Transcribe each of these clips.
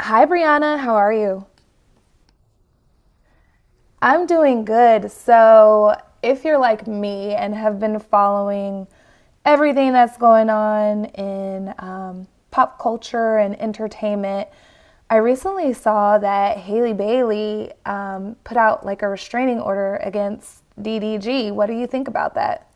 Hi, Brianna. How are you? I'm doing good. So, if you're like me and have been following everything that's going on in pop culture and entertainment, I recently saw that Haley Bailey put out like a restraining order against DDG. What do you think about that?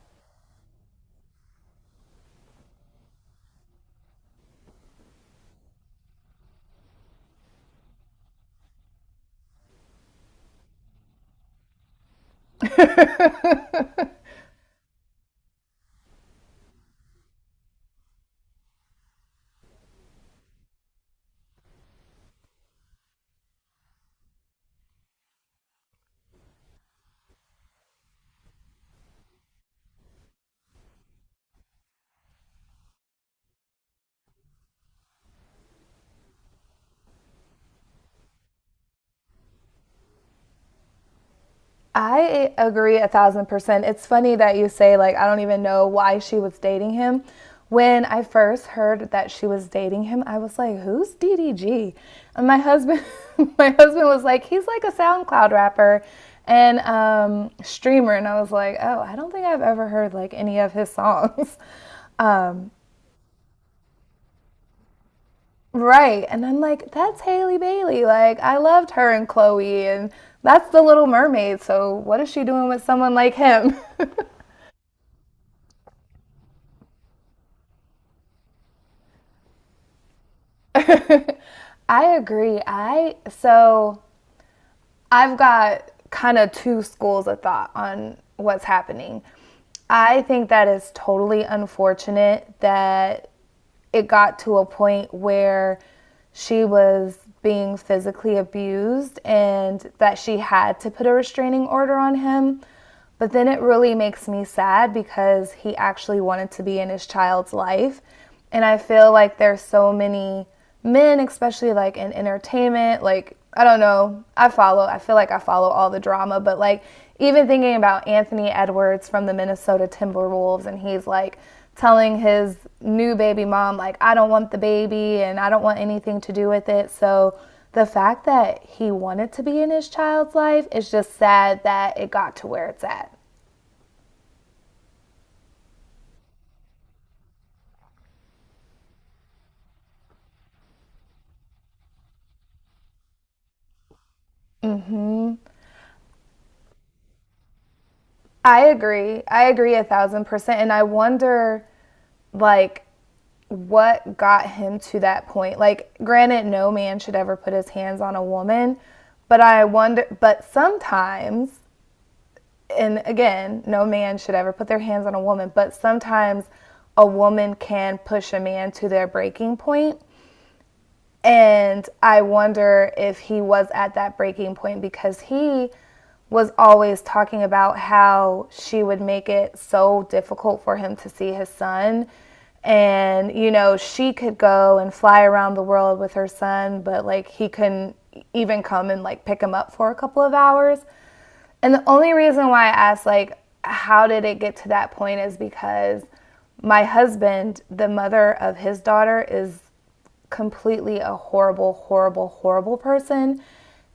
I agree a thousand percent. It's funny that you say, like, I don't even know why she was dating him. When I first heard that she was dating him, I was like, who's DDG? And my husband, my husband was like, he's like a SoundCloud rapper and streamer. And I was like, oh, I don't think I've ever heard like any of his songs. Um, right. And I'm like, that's Haley Bailey. Like, I loved her and Chloe, and that's the Little Mermaid. So, what is she doing with someone like him? I agree. I so I've got kind of two schools of thought on what's happening. I think that is totally unfortunate that it got to a point where she was being physically abused and that she had to put a restraining order on him. But then it really makes me sad because he actually wanted to be in his child's life. And I feel like there's so many men, especially like in entertainment, like I don't know. I follow. I feel like I follow all the drama, but like even thinking about Anthony Edwards from the Minnesota Timberwolves and he's like telling his new baby mom like I don't want the baby and I don't want anything to do with it. So the fact that he wanted to be in his child's life is just sad that it got to where it's at. I agree. I agree a thousand percent. And I wonder, like, what got him to that point. Like, granted, no man should ever put his hands on a woman, but I wonder, but sometimes, and again, no man should ever put their hands on a woman, but sometimes a woman can push a man to their breaking point. And I wonder if he was at that breaking point because he was always talking about how she would make it so difficult for him to see his son. And, you know, she could go and fly around the world with her son, but like he couldn't even come and like pick him up for a couple of hours. And the only reason why I asked, like, how did it get to that point is because my husband, the mother of his daughter, is completely a horrible, horrible, horrible person.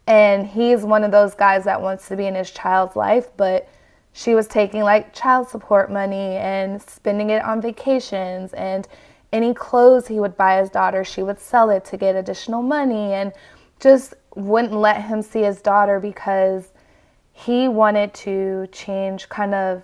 And he's one of those guys that wants to be in his child's life, but she was taking like child support money and spending it on vacations and any clothes he would buy his daughter, she would sell it to get additional money and just wouldn't let him see his daughter because he wanted to change kind of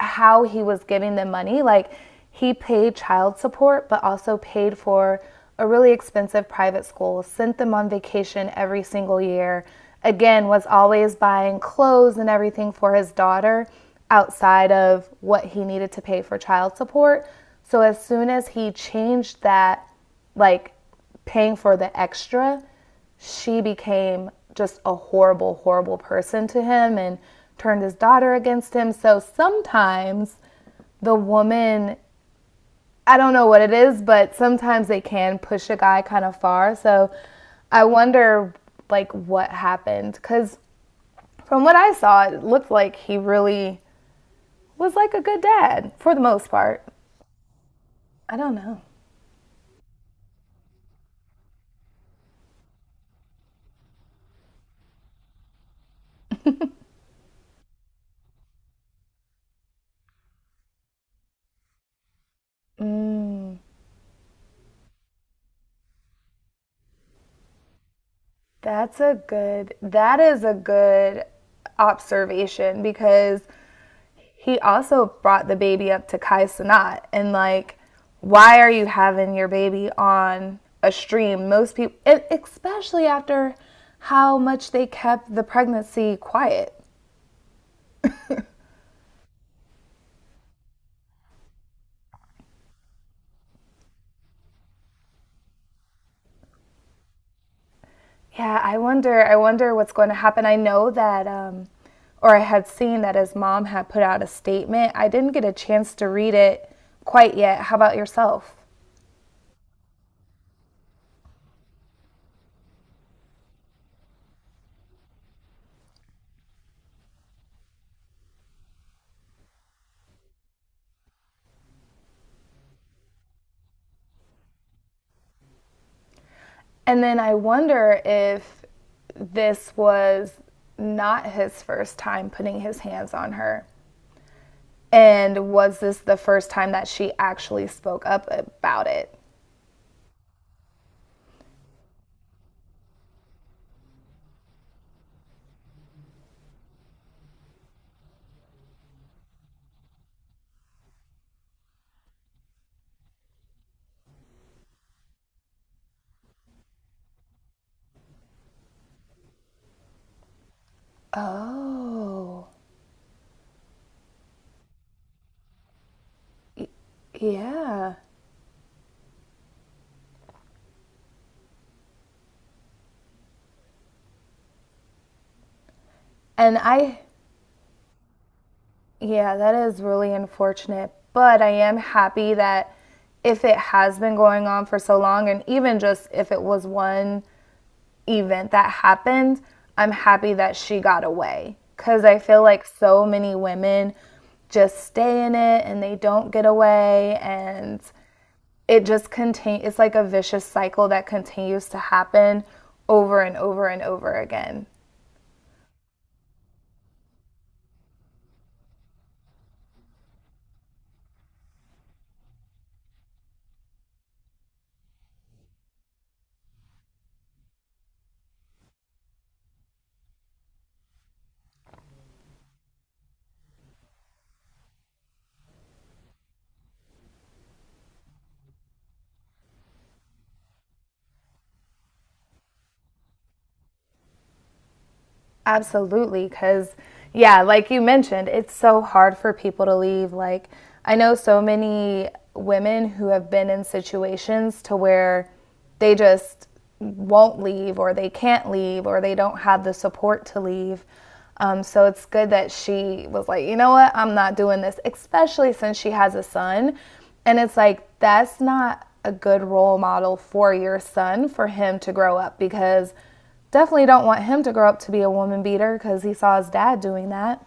how he was giving them money. Like he paid child support, but also paid for a really expensive private school, sent them on vacation every single year. Again, was always buying clothes and everything for his daughter outside of what he needed to pay for child support. So as soon as he changed that, like paying for the extra she became just a horrible, horrible person to him and turned his daughter against him. So sometimes the woman, I don't know what it is, but sometimes they can push a guy kind of far. So I wonder like what happened cuz from what I saw, it looked like he really was like a good dad for the most part. I don't know. That is a good observation because he also brought the baby up to Kai Sanat and like, why are you having your baby on a stream? Most people, especially after how much they kept the pregnancy quiet. Yeah, I wonder. I wonder what's going to happen. I know that, or I had seen that his mom had put out a statement. I didn't get a chance to read it quite yet. How about yourself? And then I wonder if this was not his first time putting his hands on her. And was this the first time that she actually spoke up about it? Oh, yeah. And I, yeah, that is really unfortunate. But I am happy that if it has been going on for so long, and even just if it was one event that happened, I'm happy that she got away. Because I feel like so many women just stay in it and they don't get away. And it just continues, it's like a vicious cycle that continues to happen over and over and over again. Absolutely, because yeah, like you mentioned, it's so hard for people to leave. Like I know so many women who have been in situations to where they just won't leave or they can't leave or they don't have the support to leave. So it's good that she was like, you know what, I'm not doing this, especially since she has a son. And it's like, that's not a good role model for your son for him to grow up because definitely don't want him to grow up to be a woman beater because he saw his dad doing that.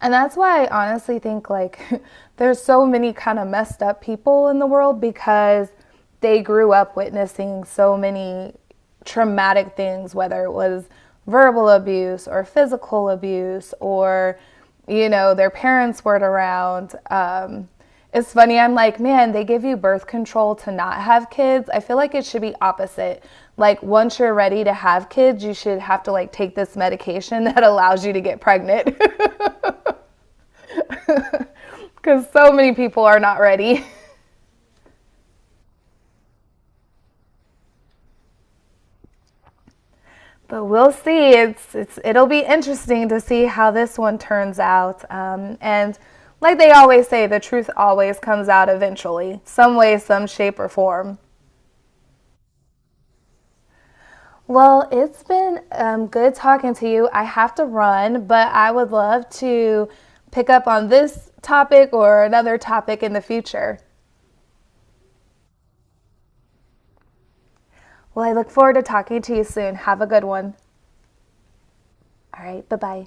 And that's why I honestly think like there's so many kind of messed up people in the world because they grew up witnessing so many traumatic things, whether it was verbal abuse or physical abuse or you know their parents weren't around. It's funny. I'm like, man, they give you birth control to not have kids. I feel like it should be opposite. Like once you're ready to have kids, you should have to like take this medication that allows you to get pregnant, because so many people are not ready. But we'll see. It's it'll be interesting to see how this one turns out. And like they always say, the truth always comes out eventually, some way, some shape or form. Well, it's been good talking to you. I have to run, but I would love to pick up on this topic or another topic in the future. Well, I look forward to talking to you soon. Have a good one. All right, bye bye.